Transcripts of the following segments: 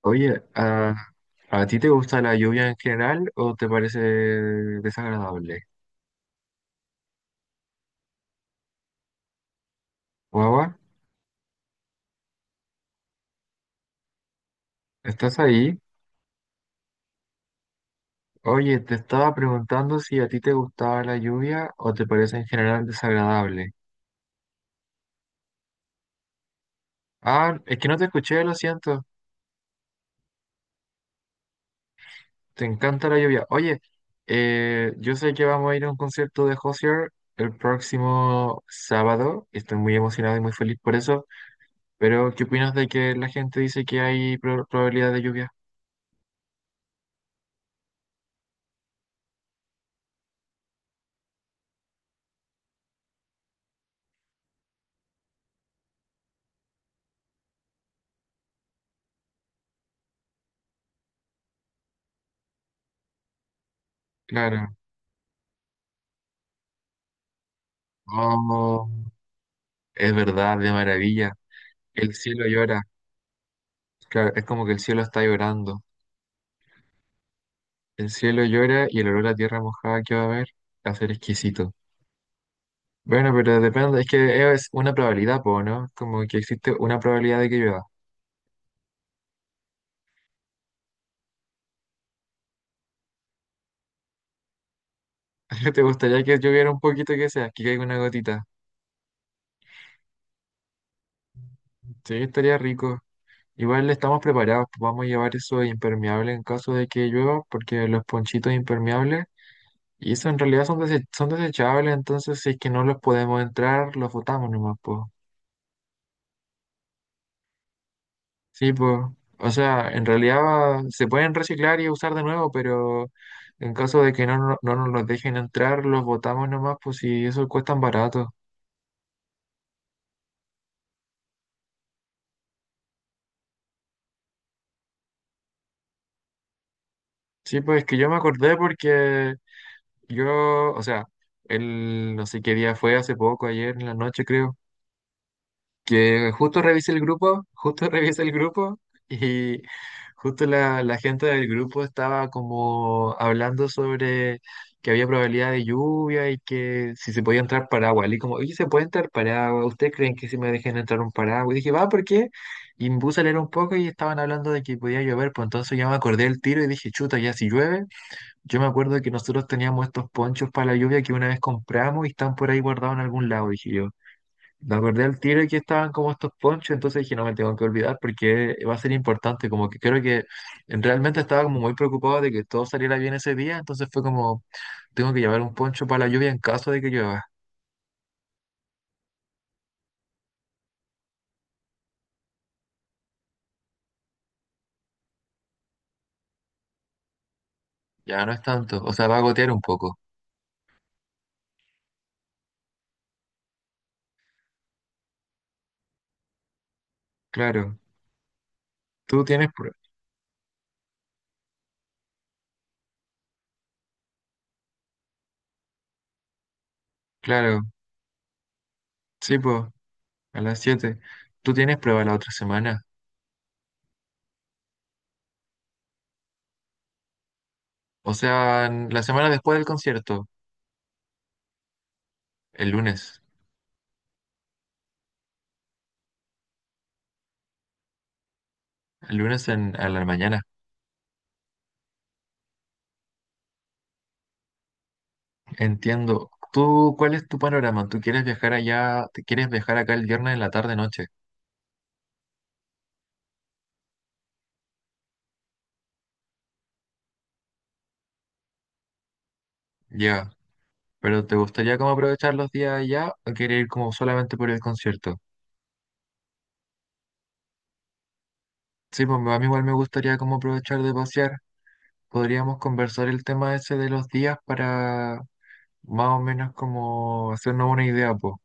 Oye, ¿a ti te gusta la lluvia en general o te parece desagradable? Guagua, ¿estás ahí? Oye, te estaba preguntando si a ti te gustaba la lluvia o te parece en general desagradable. Ah, es que no te escuché, lo siento. Te encanta la lluvia. Oye, yo sé que vamos a ir a un concierto de Hozier el próximo sábado. Estoy muy emocionado y muy feliz por eso. Pero, ¿qué opinas de que la gente dice que hay probabilidad de lluvia? Claro. Oh. Es verdad, de maravilla. El cielo llora. Claro, es como que el cielo está llorando. El cielo llora y el olor a tierra mojada que va a haber va a ser exquisito. Bueno, pero depende, es que es una probabilidad, po, ¿no? Como que existe una probabilidad de que llueva. ¿Te gustaría que lloviera un poquito que sea, que caiga una gotita? Sí, estaría rico. Igual estamos preparados, pues vamos a llevar eso de impermeable en caso de que llueva, porque los ponchitos impermeables, y eso en realidad son, son desechables, entonces si es que no los podemos entrar, los botamos nomás, pues. Sí, pues, o sea, en realidad se pueden reciclar y usar de nuevo, pero en caso de que no nos los dejen entrar, los botamos nomás, pues y eso cuesta barato. Sí, pues es que yo me acordé porque yo, o sea, el no sé qué día fue, hace poco, ayer en la noche creo. Que justo revisé el grupo, justo revisé el grupo y justo la gente del grupo estaba como hablando sobre que había probabilidad de lluvia y que si se podía entrar paraguas. Y como, oye, ¿se puede entrar paraguas? ¿Ustedes creen que si me dejen entrar un paraguas? Y dije, va, ¿por qué? Y me puse a leer un poco y estaban hablando de que podía llover, pues entonces ya me acordé del tiro y dije, chuta, ya si llueve. Yo me acuerdo que nosotros teníamos estos ponchos para la lluvia que una vez compramos y están por ahí guardados en algún lado, dije yo. Me acordé al tiro que estaban como estos ponchos, entonces dije, no me tengo que olvidar porque va a ser importante, como que creo que realmente estaba como muy preocupado de que todo saliera bien ese día, entonces fue como, tengo que llevar un poncho para la lluvia en caso de que llueva, ya no es tanto, o sea, va a gotear un poco, claro, tú tienes, prue- claro, sí, pues, a las 7 tú tienes prueba la otra semana, o sea, la semana después del concierto, el lunes, el lunes en, a la mañana. Entiendo. ¿Tú cuál es tu panorama? ¿Tú quieres viajar allá? ¿Te quieres viajar acá el viernes en la tarde noche? Ya. ¿Pero te gustaría como aprovechar los días allá o quieres ir como solamente por el concierto? Sí, pues a mí igual me gustaría como aprovechar de pasear. Podríamos conversar el tema ese de los días para más o menos como hacernos una idea, pues.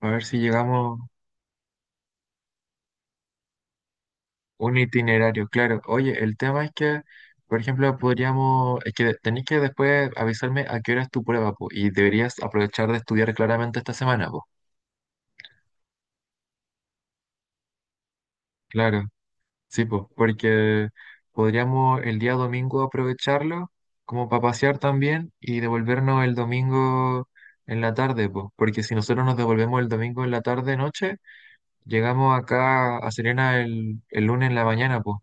A ver si llegamos. Un itinerario, claro. Oye, el tema es que, por ejemplo, podríamos, es que tenéis que después avisarme a qué hora es tu prueba, po, y deberías aprovechar de estudiar claramente esta semana, po. Claro, sí, pues, porque podríamos el día domingo aprovecharlo como para pasear también y devolvernos el domingo en la tarde, pues, porque si nosotros nos devolvemos el domingo en la tarde, noche, llegamos acá a Serena el lunes en la mañana, pues.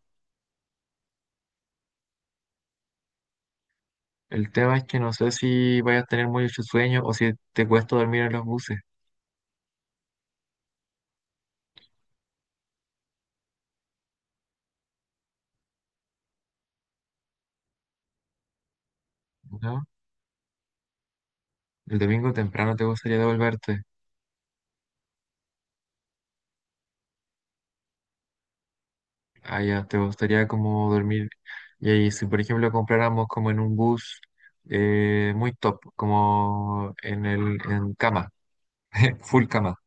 El tema es que no sé si vayas a tener mucho sueño o si te cuesta dormir en los buses, ¿no? El domingo temprano te gustaría devolverte. Allá te gustaría como dormir. Y ahí, si por ejemplo compráramos como en un bus muy top, como en el en cama, full cama.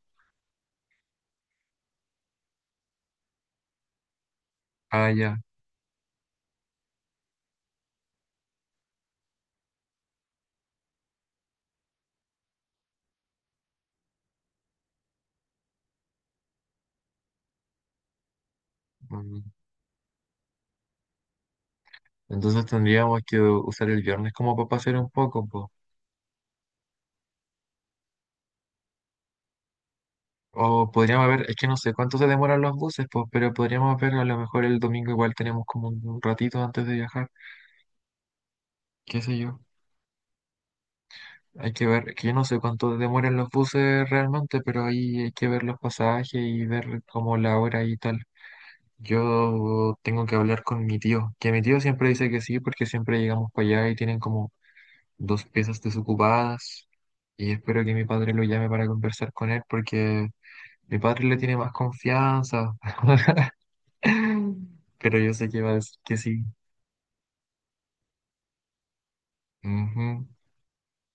Allá. Mm. Entonces tendríamos que usar el viernes como para pasear un poco, po. O podríamos ver, es que no sé cuánto se demoran los buses, pues, pero podríamos ver, a lo mejor el domingo igual tenemos como un ratito antes de viajar. Qué sé yo. Hay que ver, que yo no sé cuánto demoran los buses realmente, pero ahí hay que ver los pasajes y ver como la hora y tal. Yo tengo que hablar con mi tío, que mi tío siempre dice que sí, porque siempre llegamos para allá y tienen como dos piezas desocupadas. Y espero que mi padre lo llame para conversar con él, porque mi padre le tiene más confianza. Pero yo sé que va a decir que sí. Ujú.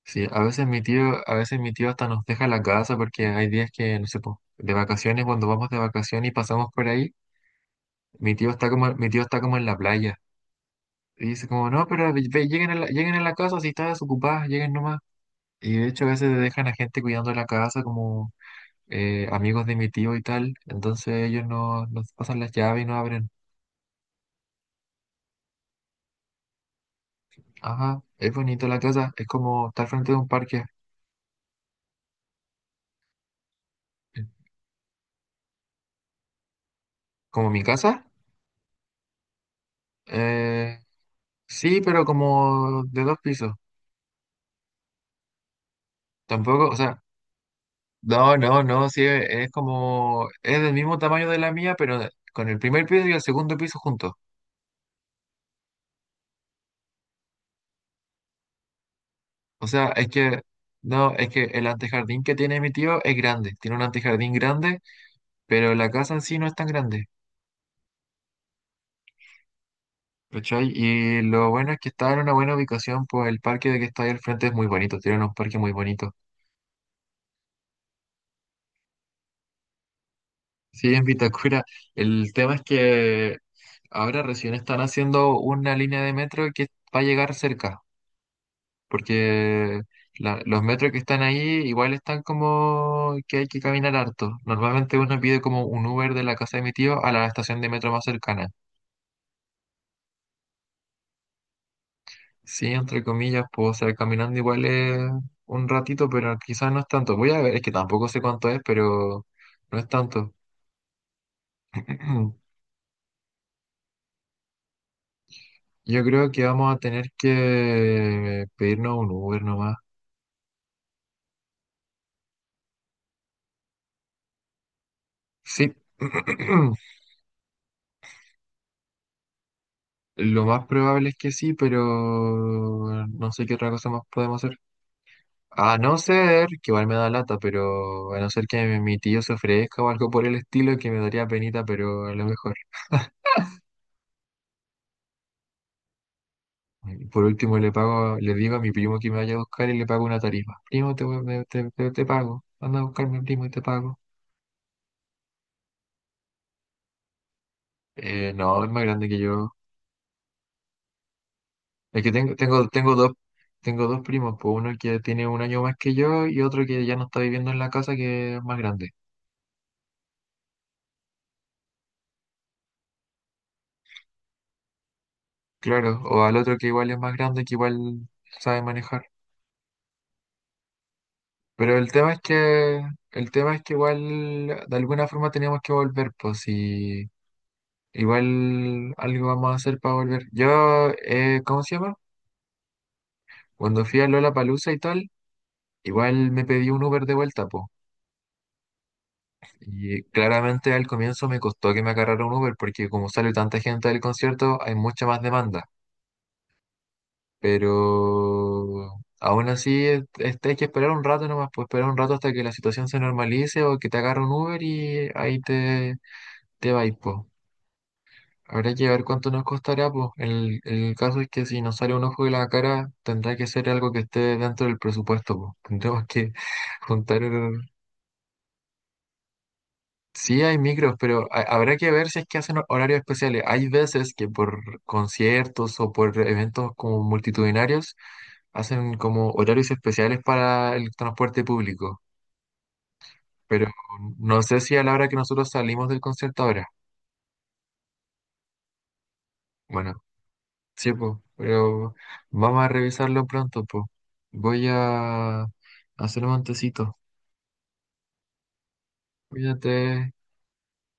Sí, a veces mi tío, a veces mi tío hasta nos deja la casa porque hay días que, no sé, po, de vacaciones, cuando vamos de vacaciones y pasamos por ahí, mi tío está como, mi tío está como en la playa. Y dice como, no, pero ve, lleguen a lleguen a la casa, si están desocupadas, lleguen nomás. Y de hecho a veces dejan a gente cuidando la casa, como amigos de mi tío y tal. Entonces ellos no, nos pasan las llaves y no abren. Ajá, es bonito la casa, es como estar frente de un parque. ¿Como mi casa? Eh, sí, pero como de dos pisos. Tampoco, o sea, no, no, no, sí, es como, es del mismo tamaño de la mía, pero con el primer piso y el segundo piso juntos. O sea, es que, no, es que el antejardín que tiene mi tío es grande, tiene un antejardín grande, pero la casa en sí no es tan grande, ¿cachai? Y lo bueno es que está en una buena ubicación, pues el parque de que está ahí al frente es muy bonito, tiene unos parques muy bonitos. Sí, en Vitacura, el tema es que ahora recién están haciendo una línea de metro que va a llegar cerca. Porque los metros que están ahí igual están como que hay que caminar harto. Normalmente uno pide como un Uber de la casa de mi tío a la estación de metro más cercana. Sí, entre comillas, puedo ser caminando igual es un ratito, pero quizás no es tanto. Voy a ver, es que tampoco sé cuánto es, pero no es tanto. Yo creo que vamos a tener que pedirnos un Uber nomás. Sí. Lo más probable es que sí, pero no sé qué otra cosa más podemos hacer. A no ser, que igual me da lata, pero a no ser que mi tío se ofrezca o algo por el estilo, que me daría penita, pero a lo mejor. Y por último, le pago, le digo a mi primo que me vaya a buscar y le pago una tarifa. Primo, te, te pago. Anda a buscarme, primo, y te pago. No, es más grande que yo. Es que tengo dos primos, pues uno que tiene un año más que yo y otro que ya no está viviendo en la casa, que es más grande. Claro, o al otro que igual es más grande, que igual sabe manejar. Pero el tema es que igual de alguna forma teníamos que volver, pues si igual algo vamos a hacer para volver. Yo, ¿cómo se llama? Cuando fui a Lollapalooza y tal, igual me pedí un Uber de vuelta, pues. Y claramente al comienzo me costó que me agarrara un Uber porque como sale tanta gente del concierto, hay mucha más demanda. Pero aún así, hay que esperar un rato nomás, pues esperar un rato hasta que la situación se normalice o que te agarre un Uber y ahí te, te va. Habrá que ver cuánto nos costará, pues. El caso es que si nos sale un ojo de la cara, tendrá que ser algo que esté dentro del presupuesto, pues. Tendremos que juntar. Sí, hay micros, pero habrá que ver si es que hacen horarios especiales. Hay veces que por conciertos o por eventos como multitudinarios hacen como horarios especiales para el transporte público, pero no sé si a la hora que nosotros salimos del concierto ahora. Bueno, sí, po, pero vamos a revisarlo pronto, po. Voy a hacer un montecito. Cuídate.